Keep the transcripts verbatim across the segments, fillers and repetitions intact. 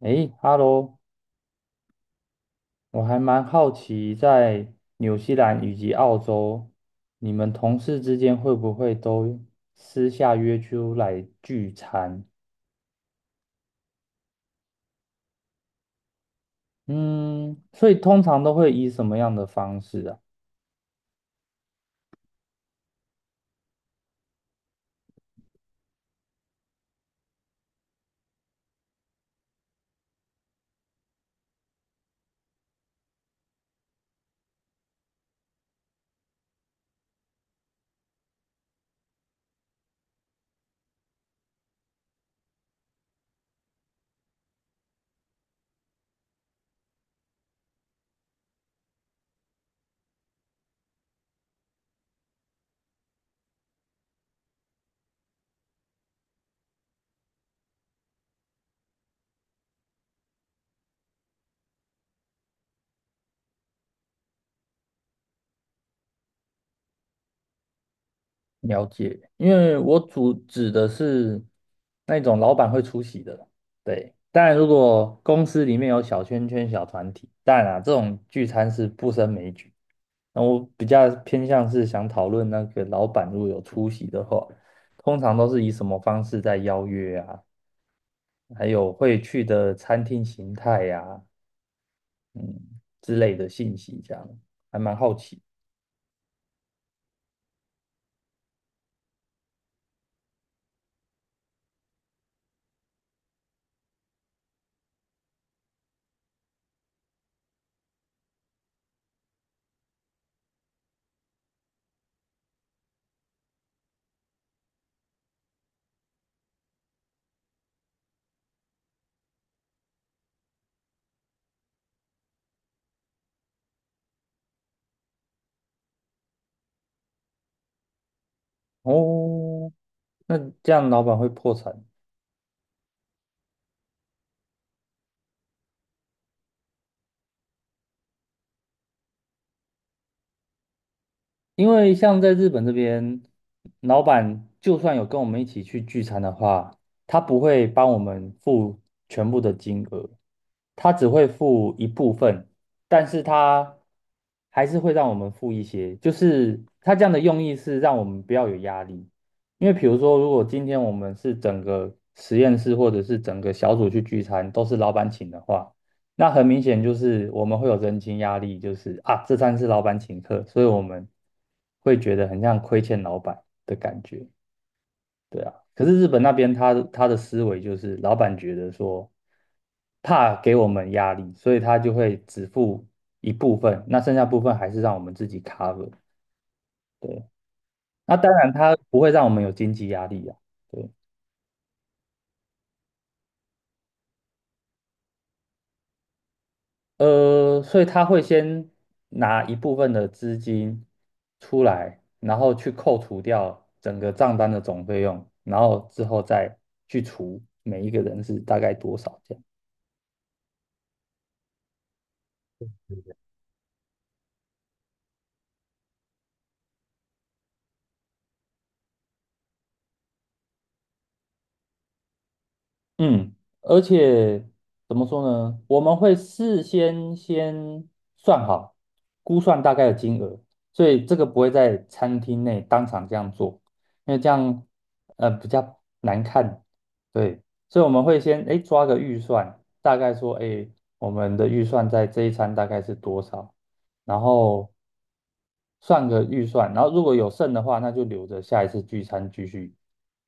诶哈喽！我还蛮好奇，在纽西兰以及澳洲，你们同事之间会不会都私下约出来聚餐？嗯，所以通常都会以什么样的方式啊？了解，因为我主指的是那种老板会出席的，对。当然，如果公司里面有小圈圈、小团体，当然啊，这种聚餐是不胜枚举。那我比较偏向是想讨论那个老板如果有出席的话，通常都是以什么方式在邀约啊，还有会去的餐厅形态呀、嗯之类的信息，这样还蛮好奇哦。那这样老板会破产？因为像在日本这边，老板就算有跟我们一起去聚餐的话，他不会帮我们付全部的金额，他只会付一部分，但是他还是会让我们付一些，就是他这样的用意是让我们不要有压力。因为比如说，如果今天我们是整个实验室或者是整个小组去聚餐，都是老板请的话。那很明显就是我们会有人情压力，就是啊，这餐是老板请客，所以我们会觉得很像亏欠老板的感觉，对啊。可是日本那边他他的思维就是老板觉得说怕给我们压力，所以他就会只付一部分，那剩下部分还是让我们自己 cover。对，那当然他不会让我们有经济压力啊。对。呃，所以他会先拿一部分的资金出来，然后去扣除掉整个账单的总费用，然后之后再去除每一个人是大概多少这样。嗯，而且怎么说呢？我们会事先先算好，估算大概的金额，所以这个不会在餐厅内当场这样做，因为这样呃比较难看。对，所以我们会先哎抓个预算，大概说哎我们的预算在这一餐大概是多少，然后算个预算，然后如果有剩的话，那就留着下一次聚餐继续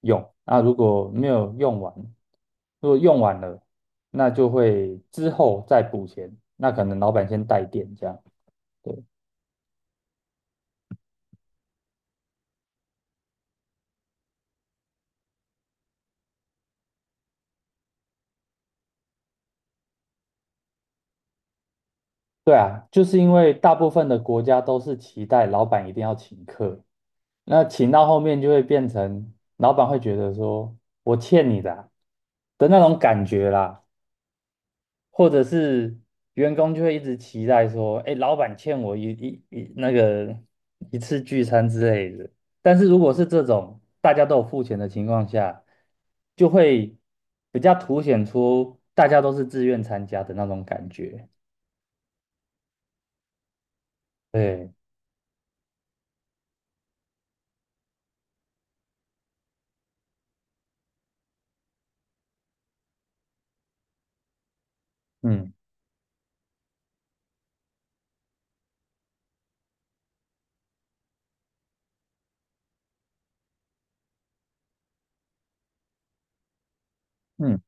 用。那如果没有用完，如果用完了，那就会之后再补钱。那可能老板先带电这样。对。对啊，就是因为大部分的国家都是期待老板一定要请客，那请到后面就会变成老板会觉得说我欠你的啊的那种感觉啦。或者是员工就会一直期待说，哎，老板欠我一一一那个一次聚餐之类的。但是如果是这种大家都有付钱的情况下，就会比较凸显出大家都是自愿参加的那种感觉。对，嗯嗯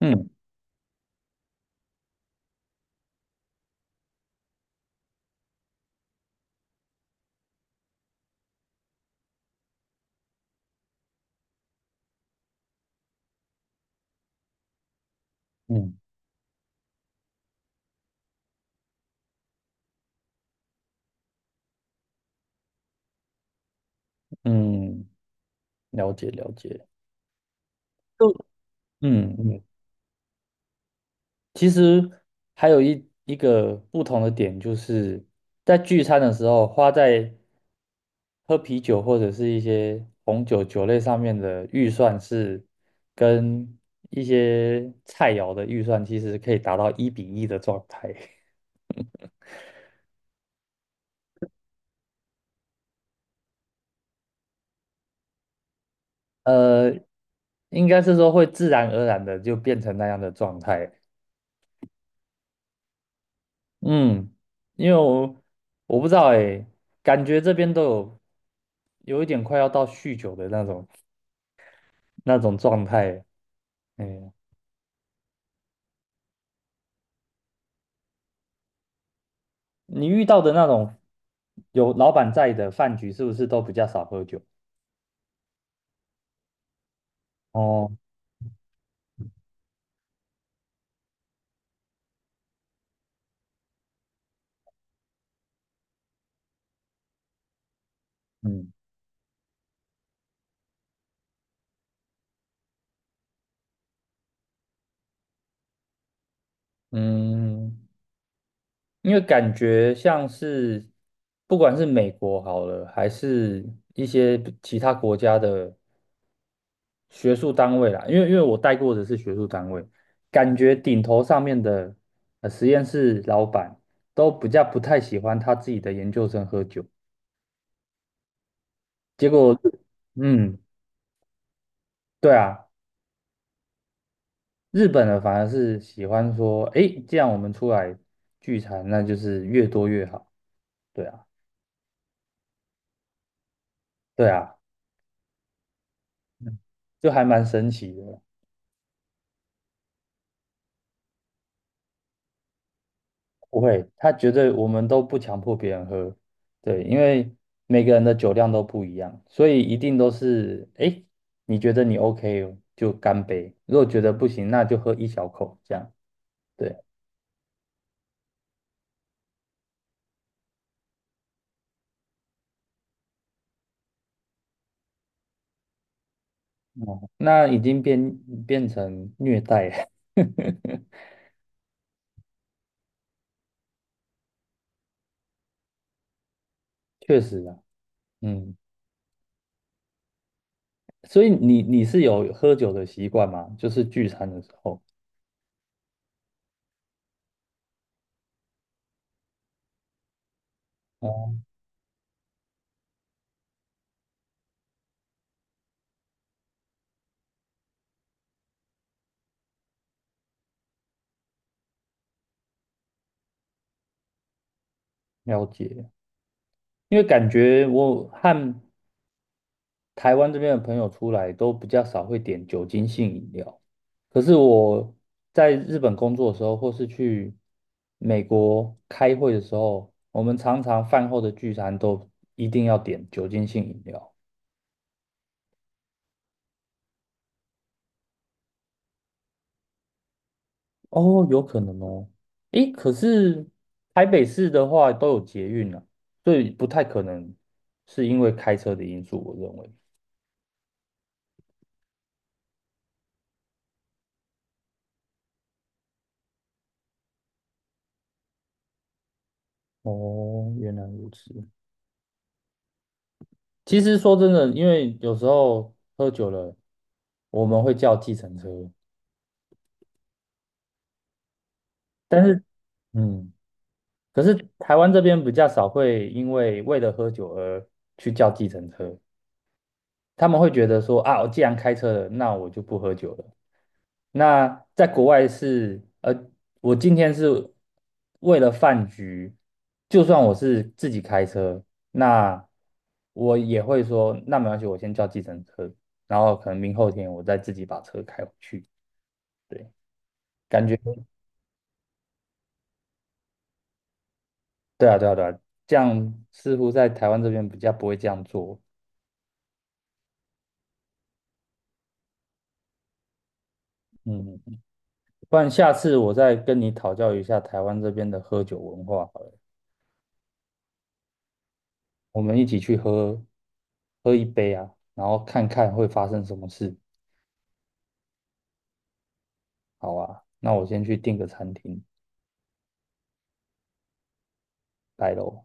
嗯嗯嗯，嗯，了解了解。就嗯嗯其实还有一一个不同的点，就是在聚餐的时候，花在喝啤酒或者是一些红酒酒类上面的预算是跟一些菜肴的预算其实可以达到一比一的状态。呃，应该是说会自然而然的就变成那样的状态。嗯，因为我我不知道哎，感觉这边都有有一点快要到酗酒的那种那种状态。哎，你遇到的那种有老板在的饭局，是不是都比较少喝酒？哦，嗯嗯，因为感觉像是不管是美国好了，还是一些其他国家的学术单位啦，因为因为我带过的是学术单位，感觉顶头上面的呃实验室老板都比较不太喜欢他自己的研究生喝酒，结果，嗯，对啊。日本人反而是喜欢说，诶，既然我们出来聚餐，那就是越多越好。对啊，对啊，就还蛮神奇的。不会，他觉得我们都不强迫别人喝，对，因为每个人的酒量都不一样，所以一定都是，诶，你觉得你 OK 哦就干杯，如果觉得不行，那就喝一小口这样。对，哦，那已经变变成虐待了，确实啊，嗯。所以你你是有喝酒的习惯吗？就是聚餐的时候，哦，了解。因为感觉我和台湾这边的朋友出来都比较少会点酒精性饮料，可是我在日本工作的时候，或是去美国开会的时候，我们常常饭后的聚餐都一定要点酒精性饮料。哦，有可能哦。诶，可是台北市的话都有捷运啊，所以不太可能是因为开车的因素，我认为。哦，原来如此。其实说真的，因为有时候喝酒了，我们会叫计程车，但是嗯，可是台湾这边比较少会因为为了喝酒而去叫计程车，他们会觉得说啊，我既然开车了，那我就不喝酒了。那在国外是，呃，我今天是为了饭局，就算我是自己开车，那我也会说，那没关系，我先叫计程车，然后可能明后天我再自己把车开回去。对，感觉，对啊，对啊，对啊，这样似乎在台湾这边比较不会这样做。嗯，不然下次我再跟你讨教一下台湾这边的喝酒文化好了，我们一起去喝喝一杯啊，然后看看会发生什么事。好啊，那我先去订个餐厅，拜喽。